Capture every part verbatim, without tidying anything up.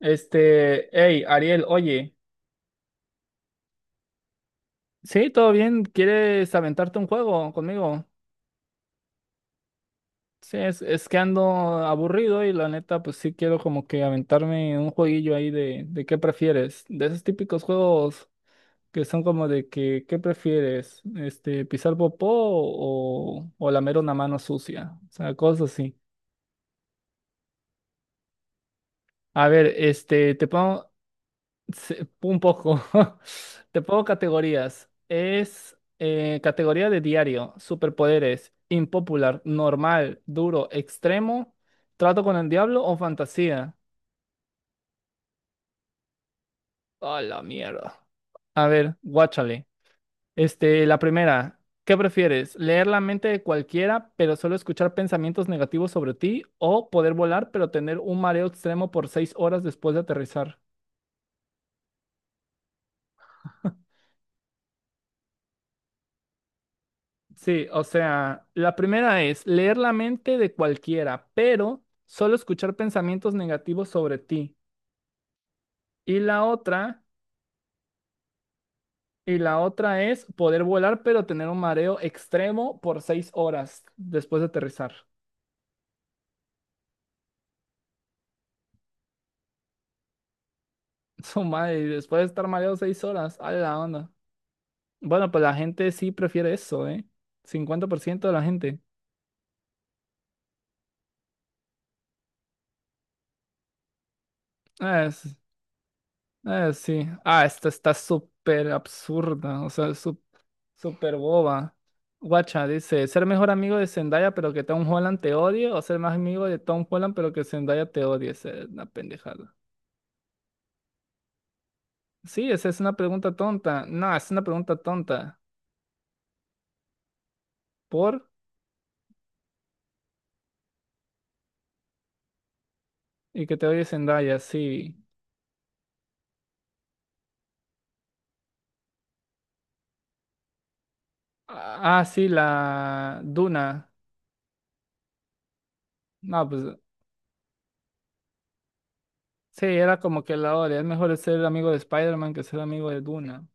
Este, hey, Ariel, oye, sí, todo bien. ¿Quieres aventarte un juego conmigo? Sí, es, es que ando aburrido y la neta, pues sí quiero como que aventarme un jueguillo ahí de, de qué prefieres, de esos típicos juegos que son como de que, ¿qué prefieres? Este, pisar popó o, o lamer una mano sucia, o sea, cosas así. A ver, este, te pongo. Sí, un poco. Te pongo categorías. Es eh, categoría de diario, superpoderes, impopular, normal, duro, extremo, trato con el diablo o fantasía. A la mierda. A ver, guáchale. Este, la primera, ¿qué prefieres? ¿Leer la mente de cualquiera, pero solo escuchar pensamientos negativos sobre ti? ¿O poder volar, pero tener un mareo extremo por seis horas después de aterrizar? Sí, o sea, la primera es leer la mente de cualquiera, pero solo escuchar pensamientos negativos sobre ti. Y la otra, y la otra es poder volar, pero tener un mareo extremo por seis horas después de aterrizar. Su madre, y después de estar mareado seis horas, a la onda. Bueno, pues la gente sí prefiere eso, ¿eh? Cincuenta por ciento de la gente. Ah, es- ah, sí. Ah, esta está súper absurda, o sea, súper boba. Guacha dice, ser mejor amigo de Zendaya pero que Tom Holland te odie o ser más amigo de Tom Holland pero que Zendaya te odie. Esa es una pendejada. Sí, esa es una pregunta tonta. No, es una pregunta tonta. ¿Por? Y que te odie Zendaya, sí. Ah, ah, sí, la Duna. No, pues sí, era como que la odia. Es mejor ser amigo de Spider-Man que ser amigo de Duna.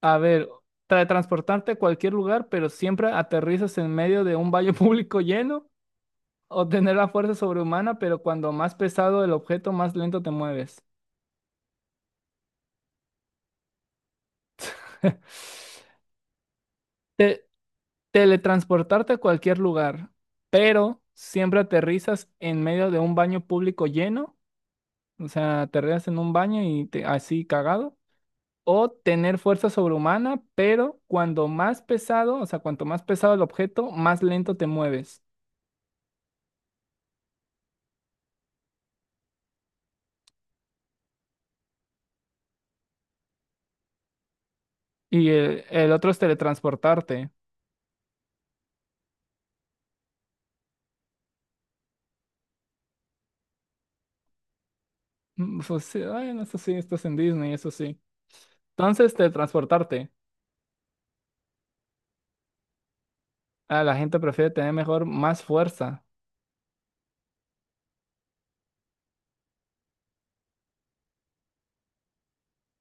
A ver, tra transportarte a cualquier lugar pero siempre aterrizas en medio de un baño público lleno. O tener la fuerza sobrehumana, pero cuando más pesado el objeto, más lento te mueves. Te- Teletransportarte a cualquier lugar, pero siempre aterrizas en medio de un baño público lleno, o sea, aterrizas en un baño y te- así cagado. O tener fuerza sobrehumana, pero cuando más pesado, o sea, cuanto más pesado el objeto, más lento te mueves. Y el, el otro es teletransportarte. Mm, Pues, sí, bueno, eso sí, estás en Disney, eso sí. Entonces, teletransportarte. Ah, la gente prefiere tener mejor, más fuerza.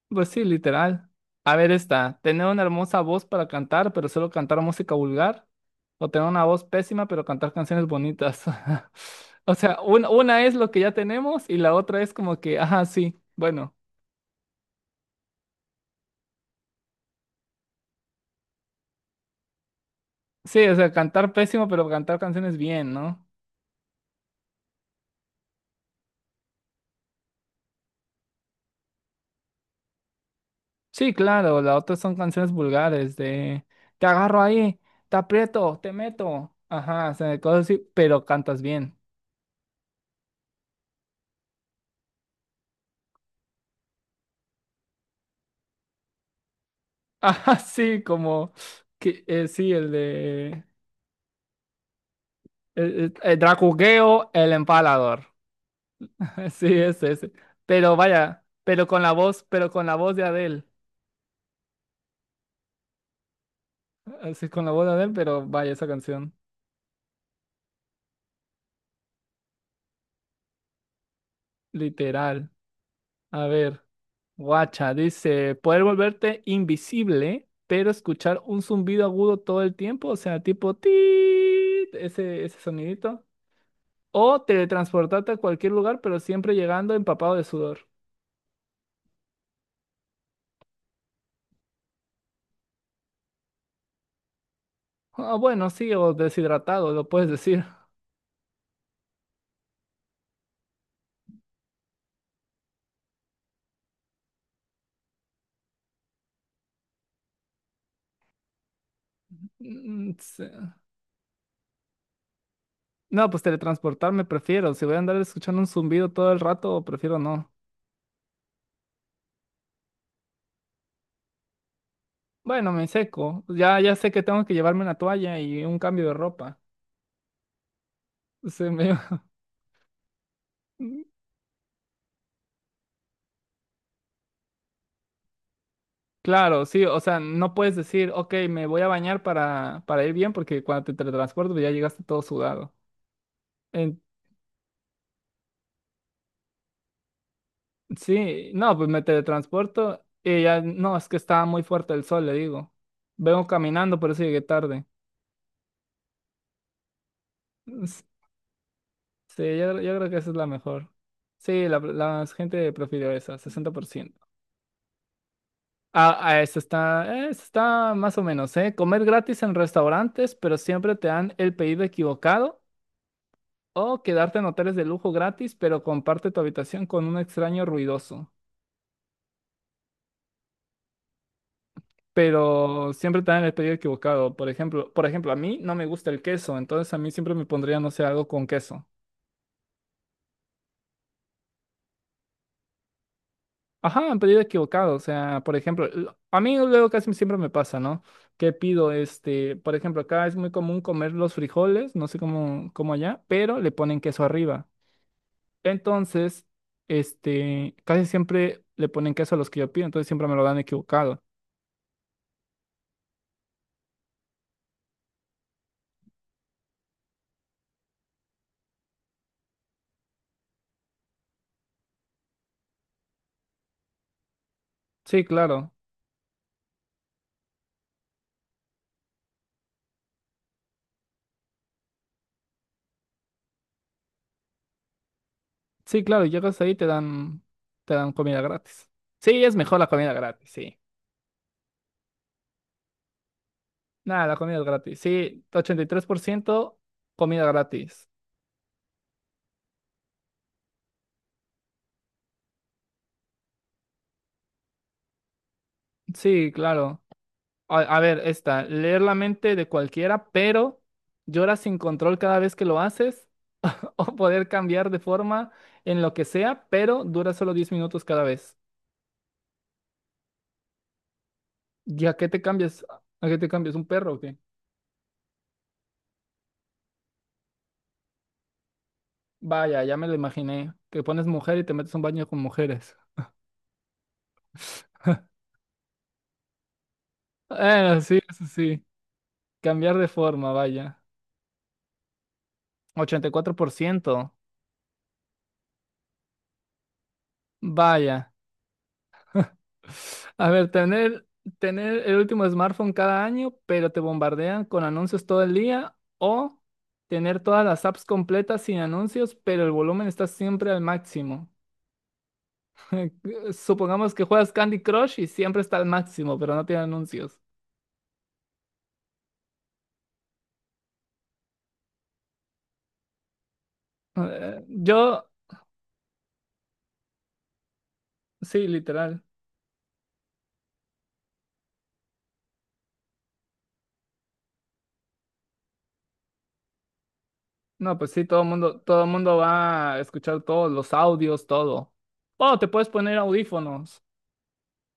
Pues sí, literal. A ver esta, tener una hermosa voz para cantar, pero solo cantar música vulgar, o tener una voz pésima, pero cantar canciones bonitas. O sea, una, una es lo que ya tenemos y la otra es como que, ajá, sí, bueno. Sí, o sea, cantar pésimo, pero cantar canciones bien, ¿no? Sí, claro, la otra son canciones vulgares de te agarro ahí, te aprieto, te meto, ajá, o sea, cosas así, pero cantas bien. Ajá, sí, como que eh, sí, el de el, el Dracugueo, el empalador. Sí, ese, ese. Pero vaya, pero con la voz, pero con la voz de Adele. Así con la voz de Adele, pero vaya esa canción. Literal. A ver, guacha, dice, poder volverte invisible, pero escuchar un zumbido agudo todo el tiempo, o sea, tipo ti, ese, ese, sonidito. O teletransportarte a cualquier lugar, pero siempre llegando empapado de sudor. Ah, bueno, sí, o deshidratado, lo puedes decir. Mm, se- No, pues teletransportarme prefiero. Si voy a andar escuchando un zumbido todo el rato, prefiero no. Bueno, me seco. Ya, ya sé que tengo que llevarme una toalla y un cambio de ropa. Se me- Claro, sí, o sea, no puedes decir, ok, me voy a bañar para, para ir bien, porque cuando te teletransporto pues ya llegaste todo sudado. En- Sí, no, pues me teletransporto y ya, no, es que estaba muy fuerte el sol, le digo. Vengo caminando, por eso llegué tarde. Sí, yo, creo- yo creo que esa es la mejor. Sí, la, la gente prefirió esa, sesenta por ciento. Ah, ah, eso está, eh, esa está más o menos, ¿eh? Comer gratis en restaurantes, pero siempre te dan el pedido equivocado. O quedarte en hoteles de lujo gratis, pero comparte tu habitación con un extraño ruidoso. Pero siempre te dan el pedido equivocado. Por ejemplo, por ejemplo, a mí no me gusta el queso, entonces a mí siempre me pondría, no sé, algo con queso. Ajá, han pedido equivocado. O sea, por ejemplo, l- a mí luego casi siempre me pasa, ¿no? Que pido, este, por ejemplo, acá es muy común comer los frijoles, no sé cómo, cómo allá, pero le ponen queso arriba. Entonces, este, casi siempre le ponen queso a los que yo pido, entonces siempre me lo dan equivocado. Sí, claro. Sí, claro, y llegas ahí y te dan, te dan comida gratis. Sí, es mejor la comida gratis, sí. Nada, la comida es gratis. Sí, ochenta y tres por ciento comida gratis. Sí, claro. A, a ver, esta, leer la mente de cualquiera, pero lloras sin control cada vez que lo haces, o poder cambiar de forma en lo que sea, pero dura solo diez minutos cada vez. ¿Y a qué te cambias? ¿A qué te cambias? ¿Un perro o qué? Vaya, ya me lo imaginé. Que pones mujer y te metes a un baño con mujeres. Bueno, sí, eso sí. Cambiar de forma, vaya. Ochenta y cuatro por ciento. Vaya. A ver, tener, tener el último smartphone cada año, pero te bombardean con anuncios todo el día, o tener todas las apps completas sin anuncios, pero el volumen está siempre al máximo. Supongamos que juegas Candy Crush y siempre está al máximo, pero no tiene anuncios. Eh, yo, sí, literal. No, pues sí, todo el mundo, todo el mundo va a escuchar todos los audios, todo. O te puedes poner audífonos.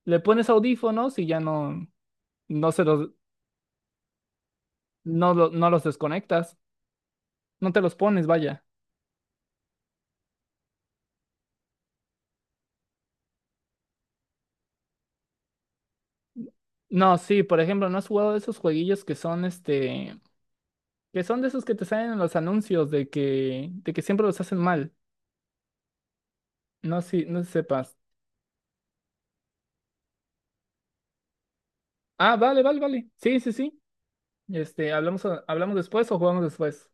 Le pones audífonos y ya no, no se los, no, lo- no los desconectas, no te los pones, vaya. No, sí, por ejemplo, ¿no has jugado de esos jueguillos que son este, que son de esos que te salen en los anuncios de que, de que siempre los hacen mal? No, si, no sé si sepas. Ah, vale, vale, vale. Sí, sí, sí. Este, hablamos, hablamos después o jugamos después.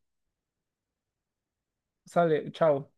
Sale, chao.